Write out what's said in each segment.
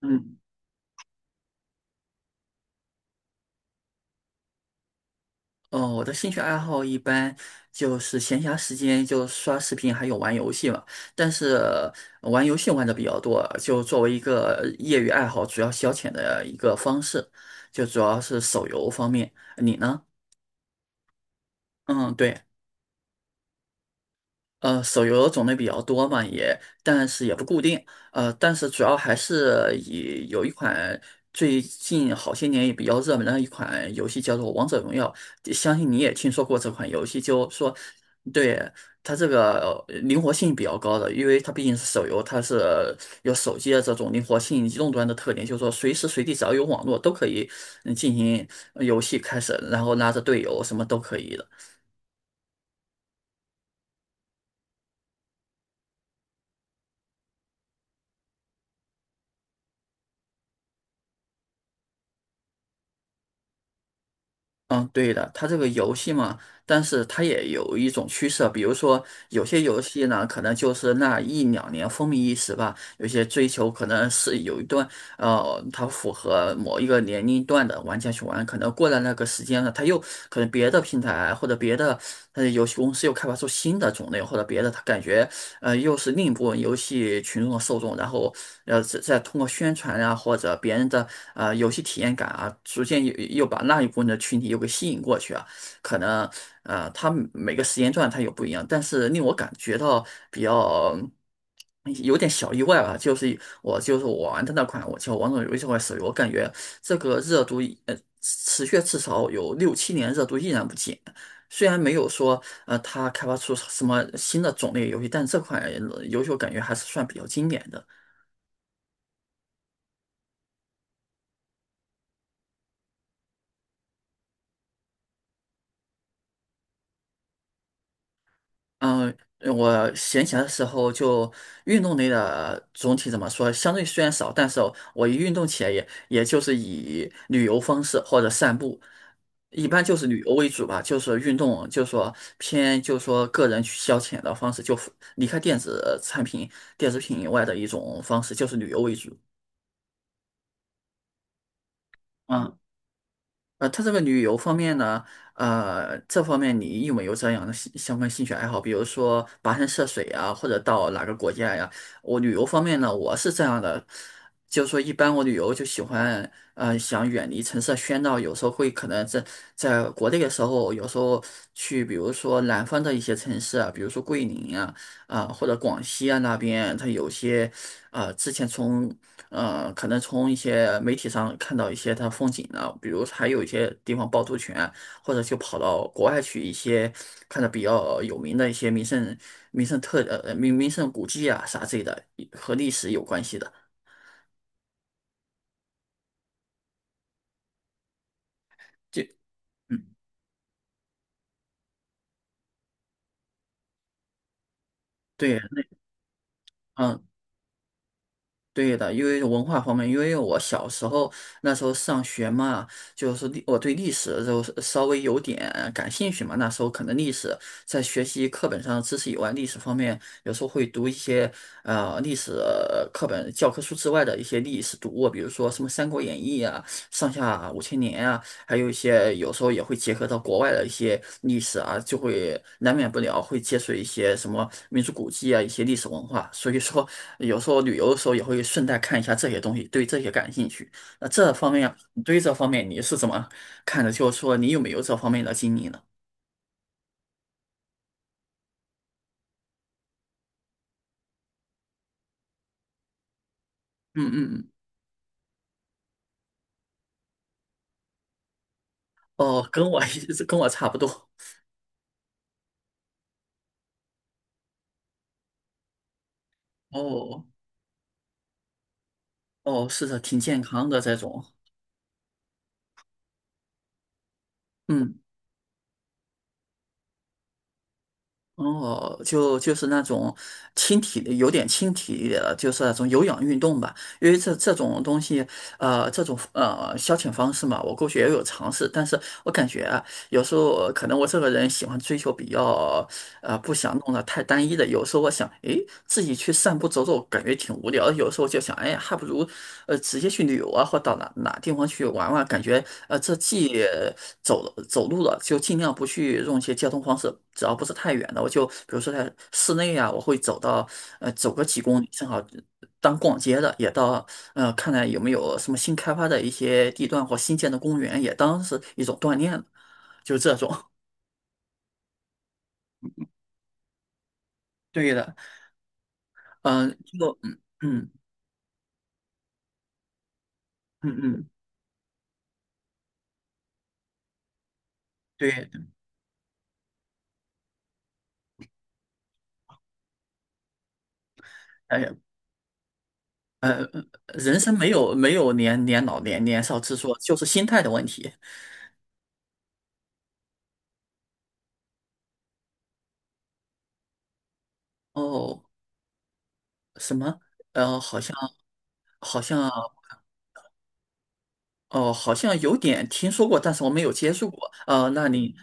嗯，哦，我的兴趣爱好一般就是闲暇时间就刷视频，还有玩游戏嘛。但是玩游戏玩的比较多，就作为一个业余爱好，主要消遣的一个方式，就主要是手游方面。你呢？嗯，对。手游种类比较多嘛，但是也不固定，但是主要还是以有一款最近好些年也比较热门的一款游戏叫做《王者荣耀》，相信你也听说过这款游戏，就说对，它这个灵活性比较高的，因为它毕竟是手游，它是有手机的这种灵活性、移动端的特点，就是说随时随地只要有网络都可以进行游戏开始，然后拉着队友什么都可以的。嗯，对的，它这个游戏嘛，但是它也有一种趋势，比如说有些游戏呢，可能就是那一两年风靡一时吧，有些追求可能是有一段，它符合某一个年龄段的玩家去玩，可能过了那个时间了，它又可能别的平台或者别的游戏公司又开发出新的种类，或者别的，它感觉又是另一部分游戏群众的受众，然后再通过宣传啊或者别人的游戏体验感啊，逐渐又把那一部分的群体又给吸引过去啊。可能它每个时间段它有不一样，但是令我感觉到比较。有点小意外吧，就是我玩的那款，我叫《王者荣耀》这手游，我感觉这个热度持续至少有六七年，热度依然不减。虽然没有说它开发出什么新的种类游戏，但这款游戏我感觉还是算比较经典的。嗯、我闲暇的时候就运动类的总体怎么说，相对虽然少，但是我一运动起来也就是以旅游方式或者散步，一般就是旅游为主吧，就是运动，就是说偏就是说个人去消遣的方式，就离开电子产品、电子品以外的一种方式，就是旅游为主。嗯。它这个旅游方面呢，这方面你有没有这样的相关兴趣爱好？比如说跋山涉水啊，或者到哪个国家呀？我旅游方面呢，我是这样的，就是说一般我旅游就喜欢，想远离城市的喧闹，有时候会可能在国内的时候，有时候去，比如说南方的一些城市啊，比如说桂林啊。啊，或者广西啊那边，它有些啊，之前从可能从一些媒体上看到一些它风景啊，比如还有一些地方趵突泉，或者就跑到国外去一些看着比较有名的一些名胜古迹啊啥之类的，和历史有关系的。就嗯，对，嗯。对的，因为文化方面，因为我小时候那时候上学嘛，就是我对历史就是稍微有点感兴趣嘛。那时候可能历史在学习课本上的知识以外，历史方面有时候会读一些历史课本教科书之外的一些历史读物，比如说什么《三国演义》啊、《上下五千年》还有一些有时候也会结合到国外的一些历史啊，就会难免不了会接触一些什么民族古迹啊，一些历史文化。所以说，有时候旅游的时候也会顺带看一下这些东西，对这些感兴趣。那这方面，你对这方面你是怎么看的？就是说，你有没有这方面的经历呢？嗯嗯嗯，哦，跟我差不多。哦哦，是的，挺健康的这种。嗯。哦，就是那种轻体力，有点轻体力的，就是那种有氧运动吧。因为这种东西，这种消遣方式嘛，我过去也有尝试，但是我感觉啊，有时候可能我这个人喜欢追求比较。不想弄得太单一的。有时候我想，诶，自己去散步走走，感觉挺无聊的有时候就想，哎呀，还不如，直接去旅游啊，或到哪哪地方去玩玩。感觉，这既走路了，就尽量不去用一些交通方式，只要不是太远的，我就比如说在室内啊，我会走到，走个几公里，正好当逛街的，也到，看看有没有什么新开发的一些地段或新建的公园，也当是一种锻炼，就这种。对的，嗯、就嗯嗯。嗯嗯，对，哎呀，人生没有没有年年老年年少之说，就是心态的问题。哦，什么？呃，好像好像哦，好像有点听说过，但是我没有接触过。那你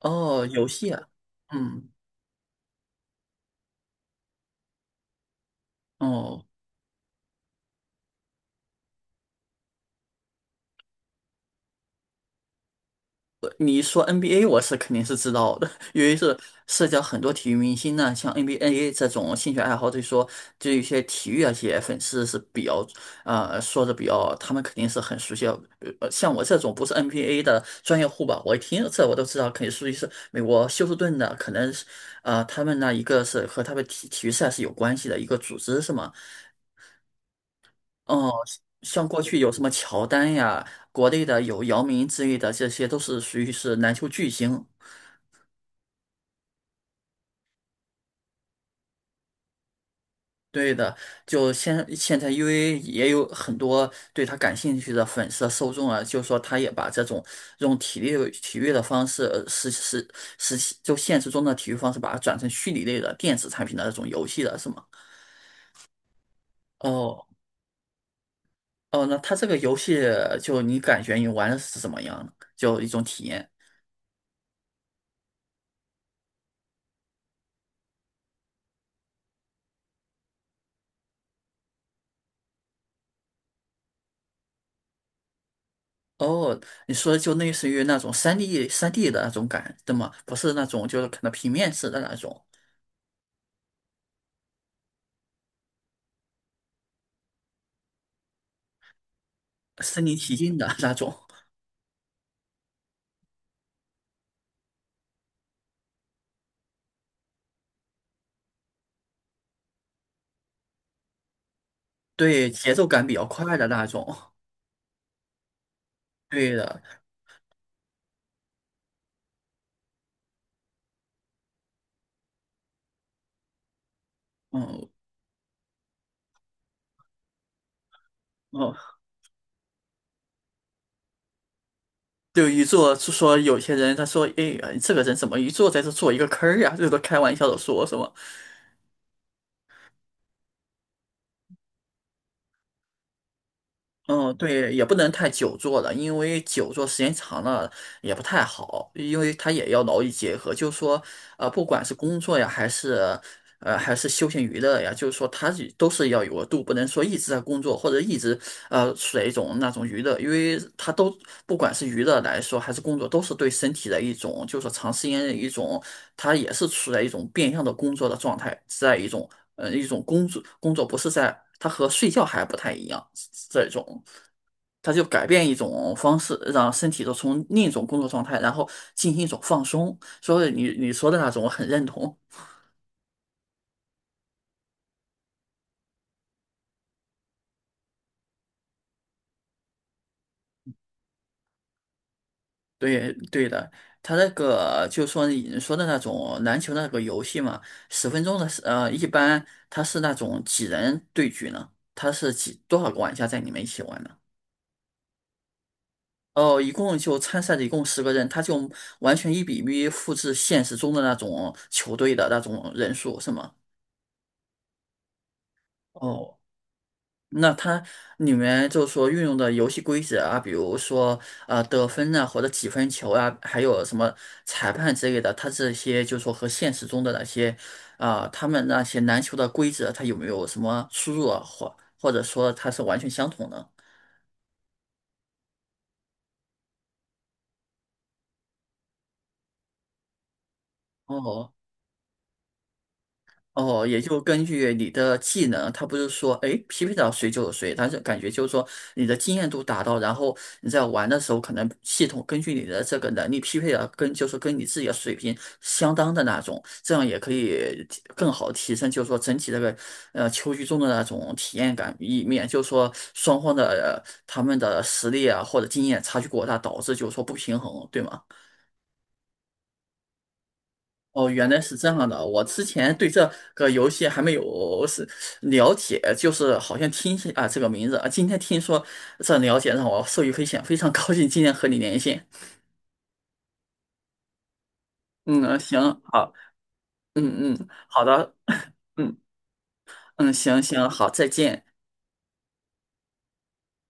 哦，游戏啊，嗯，哦。你说 NBA，我是肯定是知道的，因为是涉及到很多体育明星呢，像 NBA 这种兴趣爱好，对说就一些体育啊，些粉丝是比较说的比较，他们肯定是很熟悉的，像我这种不是 NBA 的专业户吧，我一听这我都知道，肯定属于是美国休斯顿的，可能是他们呢一个是和他们体育赛事有关系的一个组织是吗？哦，像过去有什么乔丹呀，国内的有姚明之类的，这些都是属于是篮球巨星。对的，就现在，因为也有很多对他感兴趣的粉丝受众啊，就说他也把这种用体育的方式，呃实实实就现实中的体育方式，把它转成虚拟类的电子产品的那种游戏了，是吗？哦哦，那它这个游戏就你感觉你玩的是怎么样呢？就一种体验。哦，你说就类似于那种三 d 的那种感，对吗？不是那种就是可能平面式的那种，身临其境的那种。对，节奏感比较快的那种。对的，嗯嗯，就一坐就说有些人他说，哎，这个人怎么一坐在这做一个坑儿呀？这都开玩笑的说，是吗？嗯，对，也不能太久坐了，因为久坐时间长了也不太好，因为它也要劳逸结合。就是说，不管是工作呀，还是还是休闲娱乐呀，就是说它是都是要有个度，不能说一直在工作或者一直处在一种那种娱乐，因为它都不管是娱乐来说还是工作，都是对身体的一种，就是说长时间的一种，它也是处在一种变相的工作的状态，在一种一种工作不是在。它和睡觉还不太一样，这种它就改变一种方式，让身体都从另一种工作状态，然后进行一种放松。所以你说的那种，我很认同。对对的，他那个就说你说的那种篮球那个游戏嘛，10分钟的是，一般它是那种几人对局呢？它是多少个玩家在里面一起玩呢？哦，一共就参赛的一共10个人，他就完全1:1复制现实中的那种球队的那种人数，是吗？哦，那它里面就是说运用的游戏规则啊，比如说得分啊，或者几分球啊，还有什么裁判之类的，它这些就是说和现实中的那些啊、他们那些篮球的规则，它有没有什么出入啊，或者说它是完全相同的？哦哦，也就根据你的技能，他不是说，哎，匹配到谁就是谁，他是感觉就是说你的经验度达到，然后你在玩的时候，可能系统根据你的这个能力匹配的就是跟你自己的水平相当的那种，这样也可以更好提升，就是说整体这个球局中的那种体验感一面，就是说双方的、他们的实力啊或者经验差距过大，导致就是说不平衡，对吗？哦，原来是这样的。我之前对这个游戏还没有是了解，就是好像听起啊这个名字啊，今天听说这了解让我受益匪浅，非常高兴今天和你连线。嗯，行，好，嗯嗯，好的，嗯嗯，行，好，再见。